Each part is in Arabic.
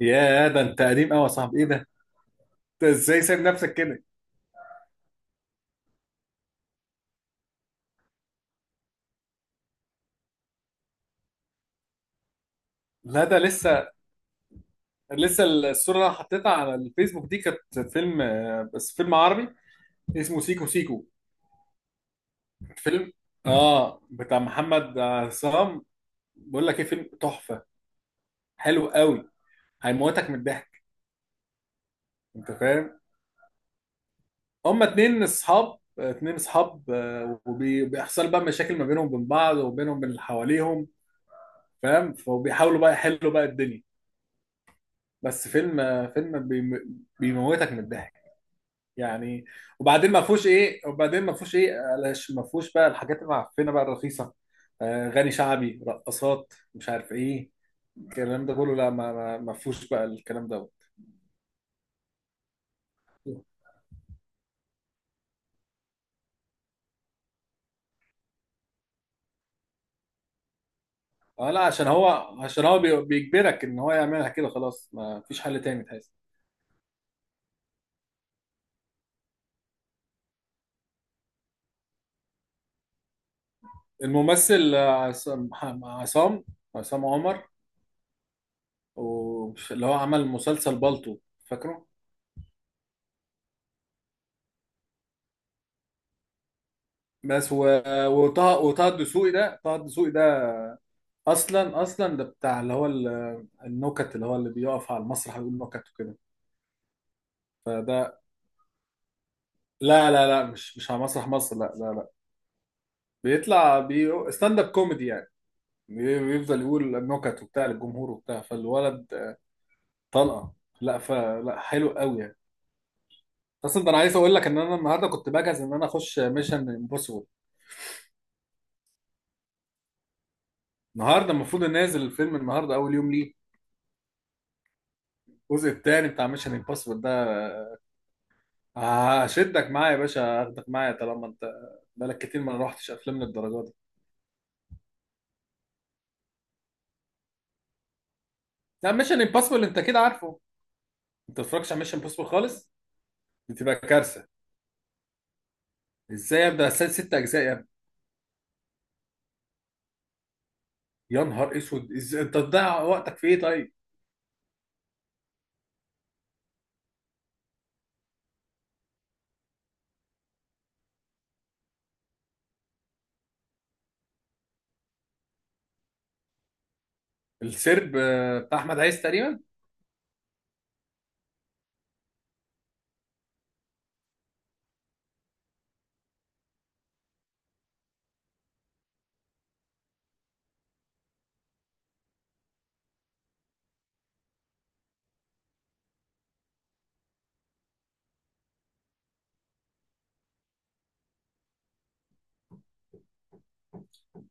يا ده، انت قديم قوي يا صاحبي! ايه ده؟ انت ازاي سايب نفسك كده؟ لا، ده لسه. لسه الصوره اللي انا حطيتها على الفيسبوك دي كانت فيلم، بس فيلم عربي اسمه سيكو سيكو. فيلم اه بتاع محمد عصام. بقول لك ايه، فيلم تحفه، حلو قوي، هيموتك من الضحك. انت فاهم؟ هما اتنين اصحاب، وبيحصل بقى مشاكل ما بينهم وبين بعض وبينهم وبين اللي حواليهم. فاهم؟ فبيحاولوا بقى يحلوا بقى الدنيا. بس فيلم بيموتك من الضحك يعني. وبعدين ما فيهوش ايه علاش ما فيهوش بقى الحاجات المعفنه بقى الرخيصه، آه، غني شعبي، رقصات، مش عارف ايه، الكلام ده كله، لا، ما فيهوش بقى الكلام ده. اه، لا، عشان هو بيجبرك ان هو يعملها كده، خلاص ما فيش حل تاني تحس. الممثل، عصام عصام عمر. اللي هو عمل مسلسل بالطو، فاكره؟ بس وطه الدسوقي ده، طه الدسوقي اصلا. اصلا ده بتاع اللي هو النكت، اللي هو اللي بيقف على المسرح ويقول نكت وكده. فده، لا لا لا، مش على مسرح مصر، لا لا لا. بيطلع ستاند اب كوميدي يعني. بيفضل يقول النكت وبتاع للجمهور وبتاع، فالولد طلقه. لا، فلا، حلو قوي يعني. اصلا ده انا عايز اقول لك ان انا النهارده كنت بجهز ان انا اخش ميشن امبوسيبل. النهارده المفروض نازل الفيلم، النهارده اول يوم ليه، الجزء الثاني بتاع ميشن امبوسيبل ده. هشدك معايا يا باشا هاخدك معايا طالما انت بقالك كتير ما روحتش افلام للدرجه دي. لا ميشن امبوسيبل انت كده عارفه. انت ما بتتفرجش على ميشن امبوسيبل خالص؟ بتبقى كارثه. ازاي؟ ابدا، اسال ست اجزاء يا ابني! يا نهار اسود، ازاي انت بتضيع وقتك في ايه طيب؟ السرب، بتاع احمد عايز تقريبا.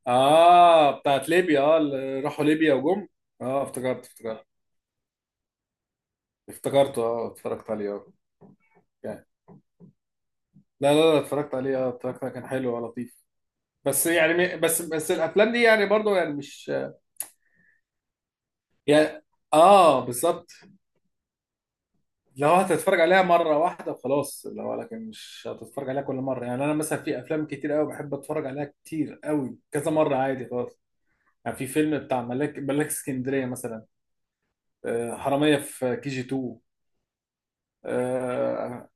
اه، بتاعت ليبيا، اللي راحوا ليبيا وجم. اه، افتكرت، افتكرت. افتكرته، اه، اتفرجت عليه، اه، يعني. لا لا لا، اتفرجت عليه، اه، اتفرجت عليه، كان حلو ولطيف. بس يعني بس الافلام دي يعني برضو يعني مش، يعني، اه، بالظبط. لو هتتفرج عليها مرة واحدة وخلاص، لكن مش هتتفرج عليها كل مرة، يعني أنا مثلا في أفلام كتير أوي بحب أتفرج عليها كتير أوي كذا مرة عادي خلاص. يعني في فيلم بتاع ملاك اسكندرية مثلا، آه، حرامية في كي جي 2، آه،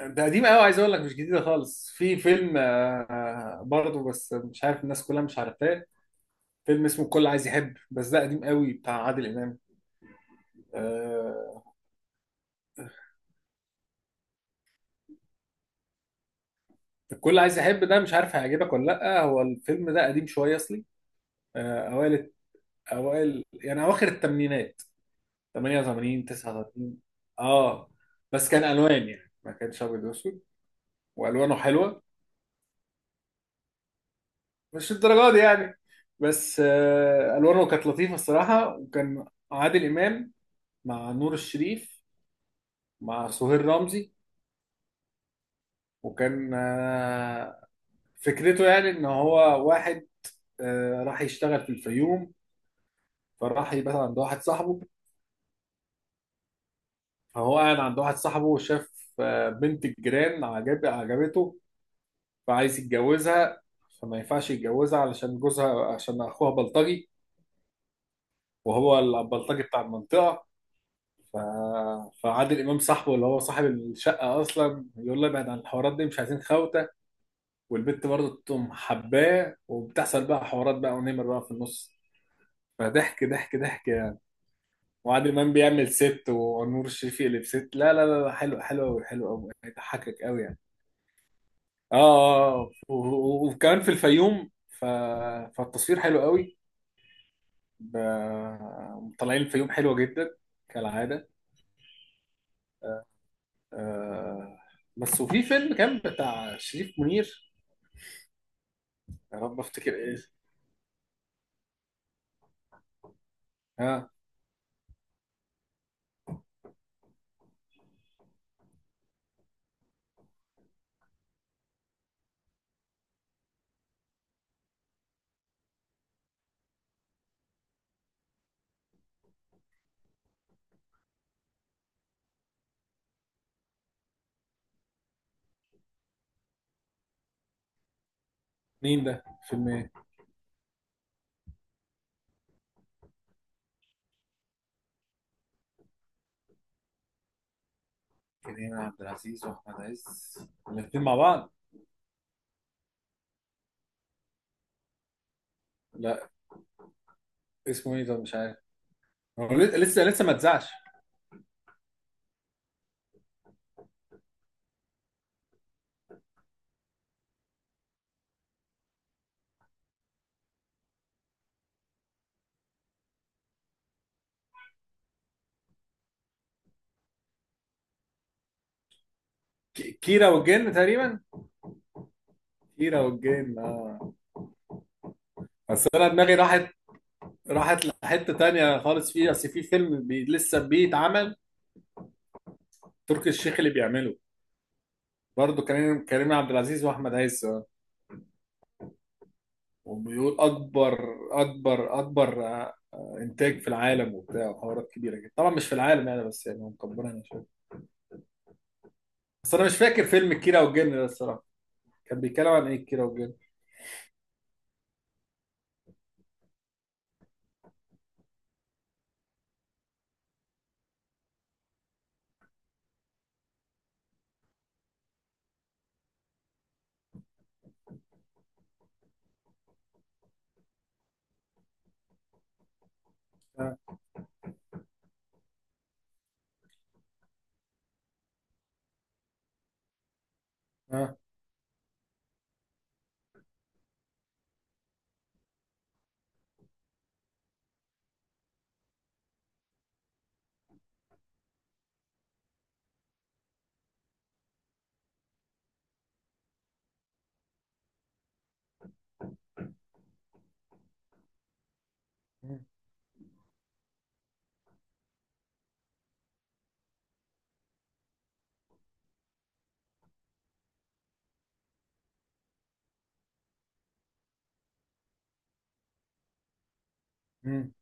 ده قديم أوي، عايز أقول لك مش جديدة خالص. في فيلم، برضه، بس مش عارف الناس كلها مش عارفاه. فيلم اسمه الكل عايز يحب، بس ده قديم أوي بتاع عادل إمام. آه، الكل عايز يحب ده مش عارف هيعجبك ولا لأ. هو الفيلم ده قديم شوية أصلي، آه، أوائل. اوائل، اواخر الثمانينات، 88 89. اه، بس كان الوان يعني، ما كانش ابيض واسود، والوانه حلوه. مش الدرجه دي يعني، بس الوانه كانت لطيفه الصراحه، وكان عادل امام مع نور الشريف مع سهير رمزي. وكان فكرته يعني، ان هو واحد راح يشتغل في الفيوم، فراح يبات عند واحد صاحبه. فهو قاعد عند واحد صاحبه وشاف بنت الجيران، عجبته، فعايز يتجوزها، فما ينفعش يتجوزها علشان جوزها عشان اخوها بلطجي. وهو البلطجي بتاع المنطقه. ف... فعادل امام صاحبه اللي هو صاحب الشقه اصلا، يقول له ابعد عن الحوارات دي، مش عايزين خوته. والبت برضه تقوم حباه، وبتحصل بقى حوارات بقى ونمر بقى في النص. فضحك ضحك ضحك يعني. وعادل امام بيعمل ست ونور الشريف يقلب ست، لا لا لا لا، حلو حلو قوي حلو قوي، هيضحكك قوي يعني. اه، آه، آه. وكمان في الفيوم. فالتصوير حلو قوي. مطلعين الفيوم حلوة جدا، كالعادة، آه. بس وفي فيلم كان بتاع شريف منير، يا رب افتكر ايه. اه، مين ده؟ فيلم ايه؟ كريم عبد العزيز واحمد عز، الاثنين مع بعض؟ لا، اسمه ايه ده؟ مش عارف. هو لسه ما اتذاعش. كيرة والجن تقريبا. كيرة والجن، آه. بس انا دماغي راحت، راحت لحتة تانية خالص. فيه اصل في فيلم لسه بيتعمل، تركي الشيخ اللي بيعمله، برضه كريم عبد العزيز واحمد عز. وبيقول اكبر اكبر اكبر، انتاج في العالم وبتاع، وحوارات كبيره كده، طبعا مش في العالم يعني، بس يعني هم مكبرينها شويه. بس انا مش فاكر فيلم كيرة والجن ده الصراحه، كان بيتكلم عن ايه كيرة والجن؟ اه، اه، مم، مم.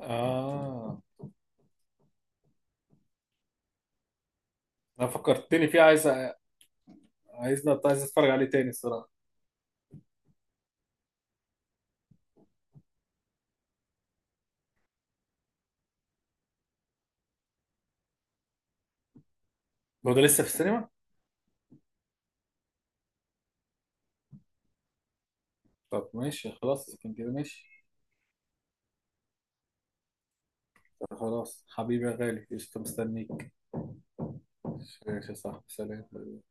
اه. انا فكرتني فيه، عايز اتفرج عليه تاني الصراحه. هو ده لسه في السينما؟ طب ماشي، خلاص كان كده، ماشي. طب خلاص حبيبي يا غالي، قشطة مستنيك. ماشي، يا صاحبي، سلام.